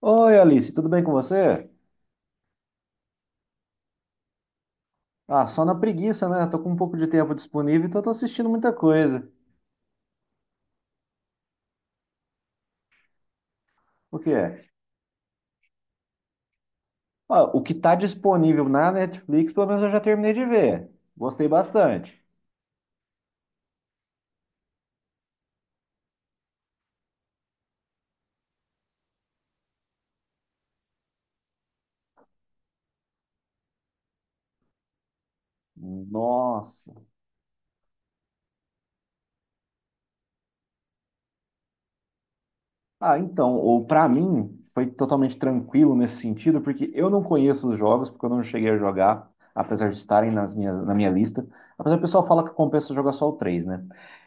Oi, Alice, tudo bem com você? Ah, só na preguiça, né? Tô com um pouco de tempo disponível, então tô assistindo muita coisa. O que é? Ó, o que tá disponível na Netflix, pelo menos eu já terminei de ver. Gostei bastante. Nossa. Ah, então, ou para mim foi totalmente tranquilo nesse sentido, porque eu não conheço os jogos, porque eu não cheguei a jogar, apesar de estarem nas minhas, na minha lista. Apesar do pessoal fala que compensa jogar só o 3, né?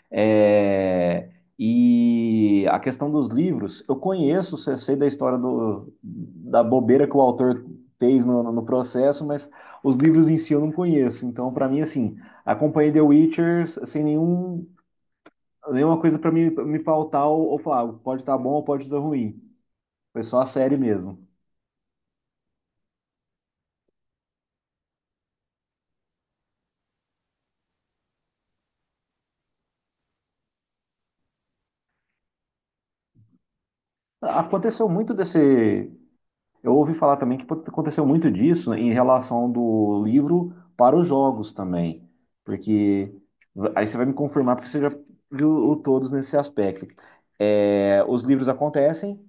É, e a questão dos livros, eu conheço, sei da história do, da bobeira que o autor fez no processo, mas os livros em si eu não conheço. Então, para mim, assim, acompanhei The Witcher sem nenhum, nenhuma coisa para me, me pautar ou falar, "Ah, pode estar bom ou pode estar ruim. Foi só a série mesmo. Aconteceu muito desse. Eu ouvi falar também que aconteceu muito disso, né, em relação do livro para os jogos também, porque aí você vai me confirmar porque você já viu o todos nesse aspecto. É, os livros acontecem,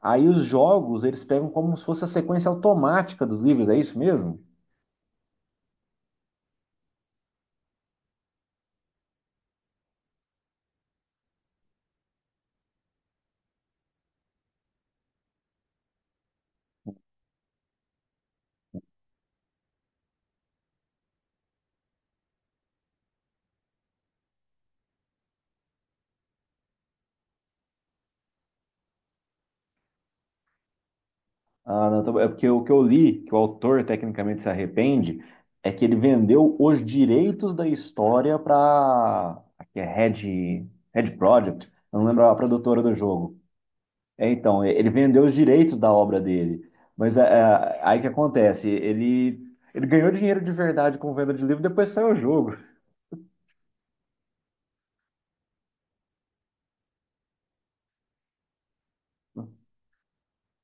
aí os jogos eles pegam como se fosse a sequência automática dos livros, é isso mesmo? Ah, não, tá- bom. É porque o que eu li, que o autor tecnicamente se arrepende, é que ele vendeu os direitos da história para a Red, Red Project, eu não lembro a produtora do jogo. É, então, ele vendeu os direitos da obra dele. Mas é, aí que acontece, ele ganhou dinheiro de verdade com venda de livro, depois saiu o jogo.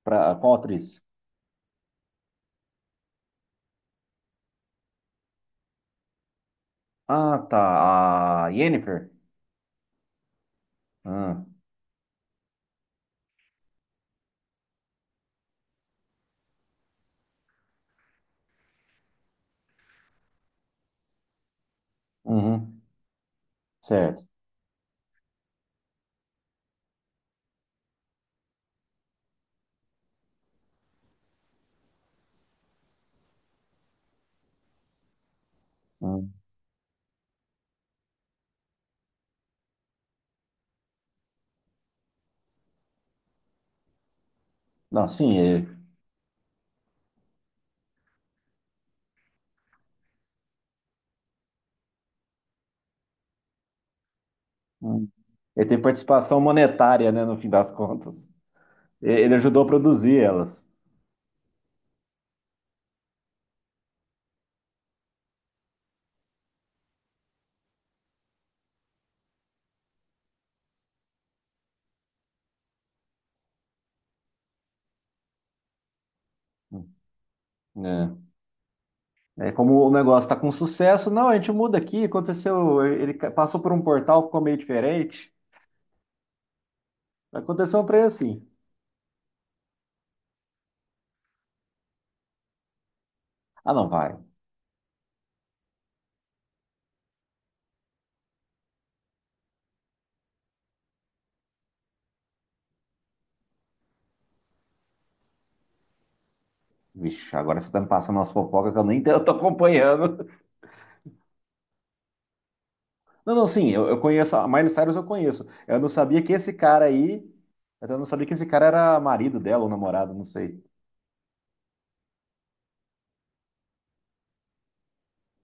Pra, qual atriz? Ah, tá. A Yennefer. Ah, uhum, certo. Hum. Não, sim, ele, hum, ele tem participação monetária, né, no fim das contas. E- ele ajudou a produzir elas. É, é como o negócio está com sucesso, não, a gente muda aqui, aconteceu, ele ca- passou por um portal, ficou meio diferente. Aconteceu um preço assim. Ah, não, vai. Vixe, agora você tá me passando umas fofocas que eu nem tô acompanhando. Não, não, sim, eu conheço. A Miley Cyrus eu conheço. Eu não sabia que esse cara aí. Eu não sabia que esse cara era marido dela ou namorado, não sei.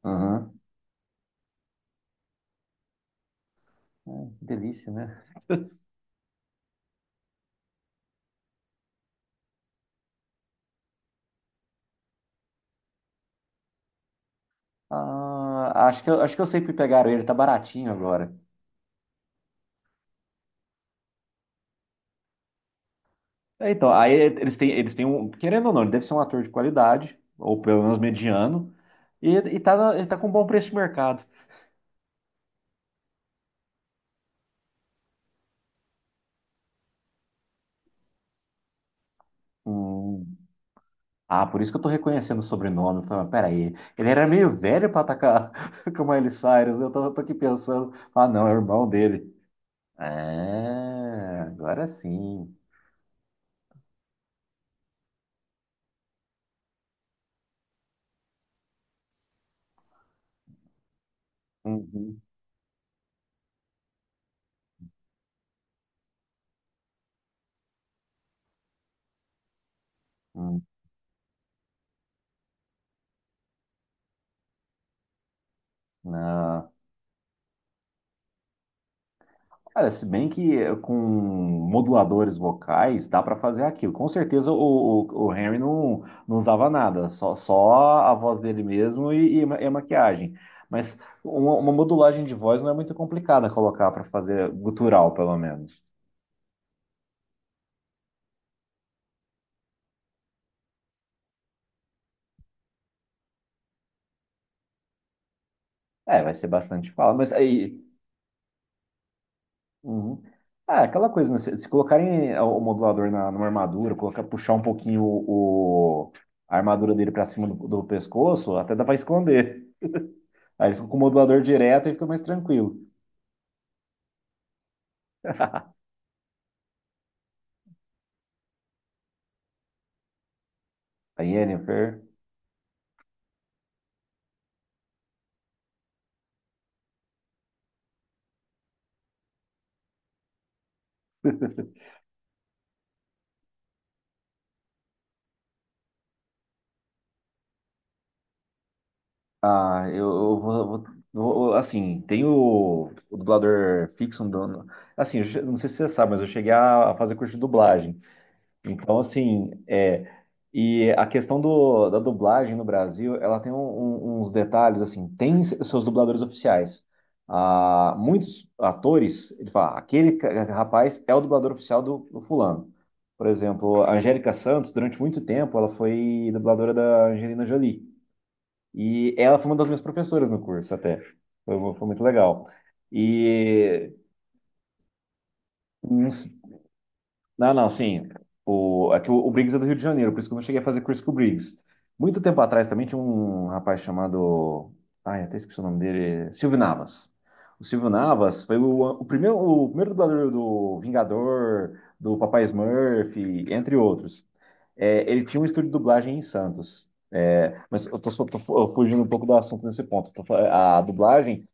Aham. Ah, que delícia, né? Ah, acho que eu sei que pegaram ele, tá baratinho agora. É, então, aí eles têm um. Querendo ou não, ele deve ser um ator de qualidade, ou pelo menos mediano, e tá, na- ele tá com um bom preço de mercado. Hum. Ah, por isso que eu tô reconhecendo o sobrenome. Falei, peraí, ele era meio velho pra atacar com o Miley Cyrus. Eu tô, tô aqui pensando, ah, não, é o irmão dele. É, agora sim. Uhum, uhum. Ah, olha, se bem que com moduladores vocais dá pra fazer aquilo. Com certeza o Henry não, não usava nada, só, só a voz dele mesmo e ma- e a maquiagem. Mas uma modulagem de voz não é muito complicada colocar pra fazer gutural, pelo menos. É, vai ser bastante fala, mas aí. Uhum. Ah, aquela coisa, né? Se colocarem o modulador na, numa armadura, colocar, puxar um pouquinho o- a armadura dele pra cima do, do pescoço, até dá pra esconder. Aí ele fica com o modulador direto e fica mais tranquilo. A Yennefer. Ah, eu vou, vou- vou- Assim, tem o dublador fixo. Um dono- Assim, eu che- não sei se você sabe, mas eu cheguei a fazer curso de dublagem. Então, assim, é, e a questão do, da dublagem no Brasil, ela tem um- um- uns detalhes, assim, tem se- seus dubladores oficiais. Ah, muitos atores, ele fala, aquele ca- rapaz é o dublador oficial do, do fulano. Por exemplo, a Angélica Santos, durante muito tempo, ela foi dubladora da Angelina Jolie. E ela foi uma das minhas professoras no curso, até. Foi, foi muito legal. E não, não, sim. O, é que o Briggs é do Rio de Janeiro, por isso que eu não cheguei a fazer curso com o Briggs. Muito tempo atrás também tinha um rapaz chamado. Ai, até esqueci o nome dele. Silvio Navas. O Silvio Navas foi o primeiro dublador do Vingador, do Papai Smurf, entre outros. É, ele tinha um estúdio de dublagem em Santos. É, mas eu tô, só- tô fu- fugindo um pouco do assunto nesse ponto. Tô fa- a dublagem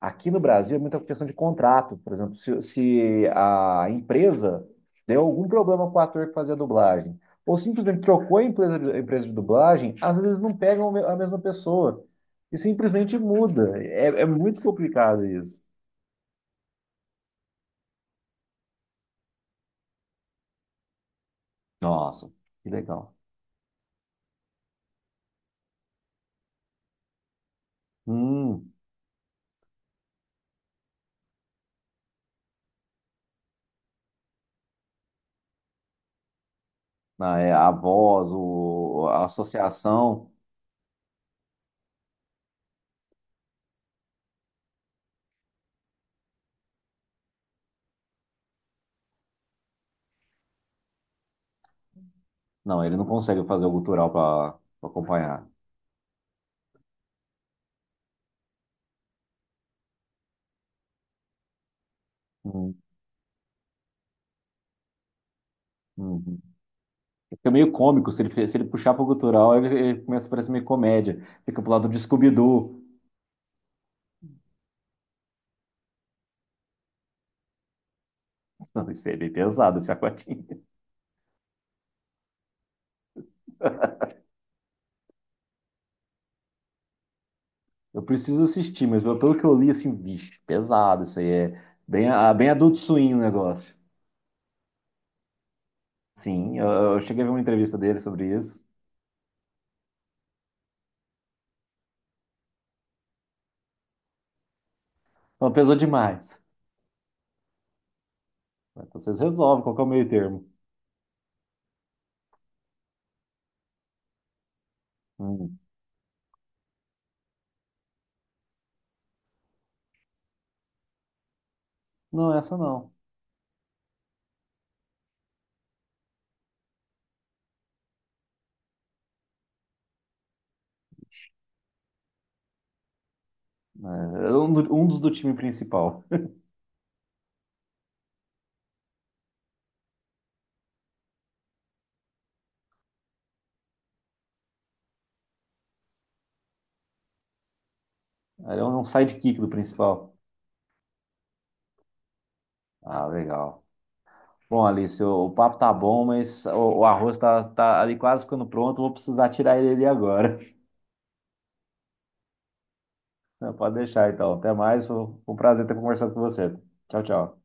aqui no Brasil é muita questão de contrato. Por exemplo, se a empresa deu algum problema com o ator que fazia dublagem, ou simplesmente trocou a empresa de dublagem, às vezes não pegam a me- a mesma pessoa. E simplesmente muda. É, é muito complicado isso. Nossa, que legal. Hum, ah, é, a voz, o, a associação. Não, ele não consegue fazer o gutural para acompanhar. Hum, uhum. Fica meio cômico, se ele, se ele puxar pro cultural, ele começa a parecer meio comédia. Fica pro lado do Scooby-Doo. Não, isso aí é bem pesado, esse aquatinho. Eu preciso assistir, mas pelo que eu li, assim, vixe, pesado, isso aí é bem, ah, bem adulto swing o negócio. Sim, eu cheguei a ver uma entrevista dele sobre isso. Não, pesou demais. Mas vocês resolvem qual que é o meio termo. Hum. Não, essa não. É, é um, do- um dos do time principal. Ele é um sidekick do principal. Ah, legal. Bom, Alice, o papo tá bom, mas o arroz tá, tá ali quase ficando pronto. Vou precisar tirar ele ali agora. Pode deixar, então. Até mais. Foi um prazer ter conversado com você. Tchau, tchau.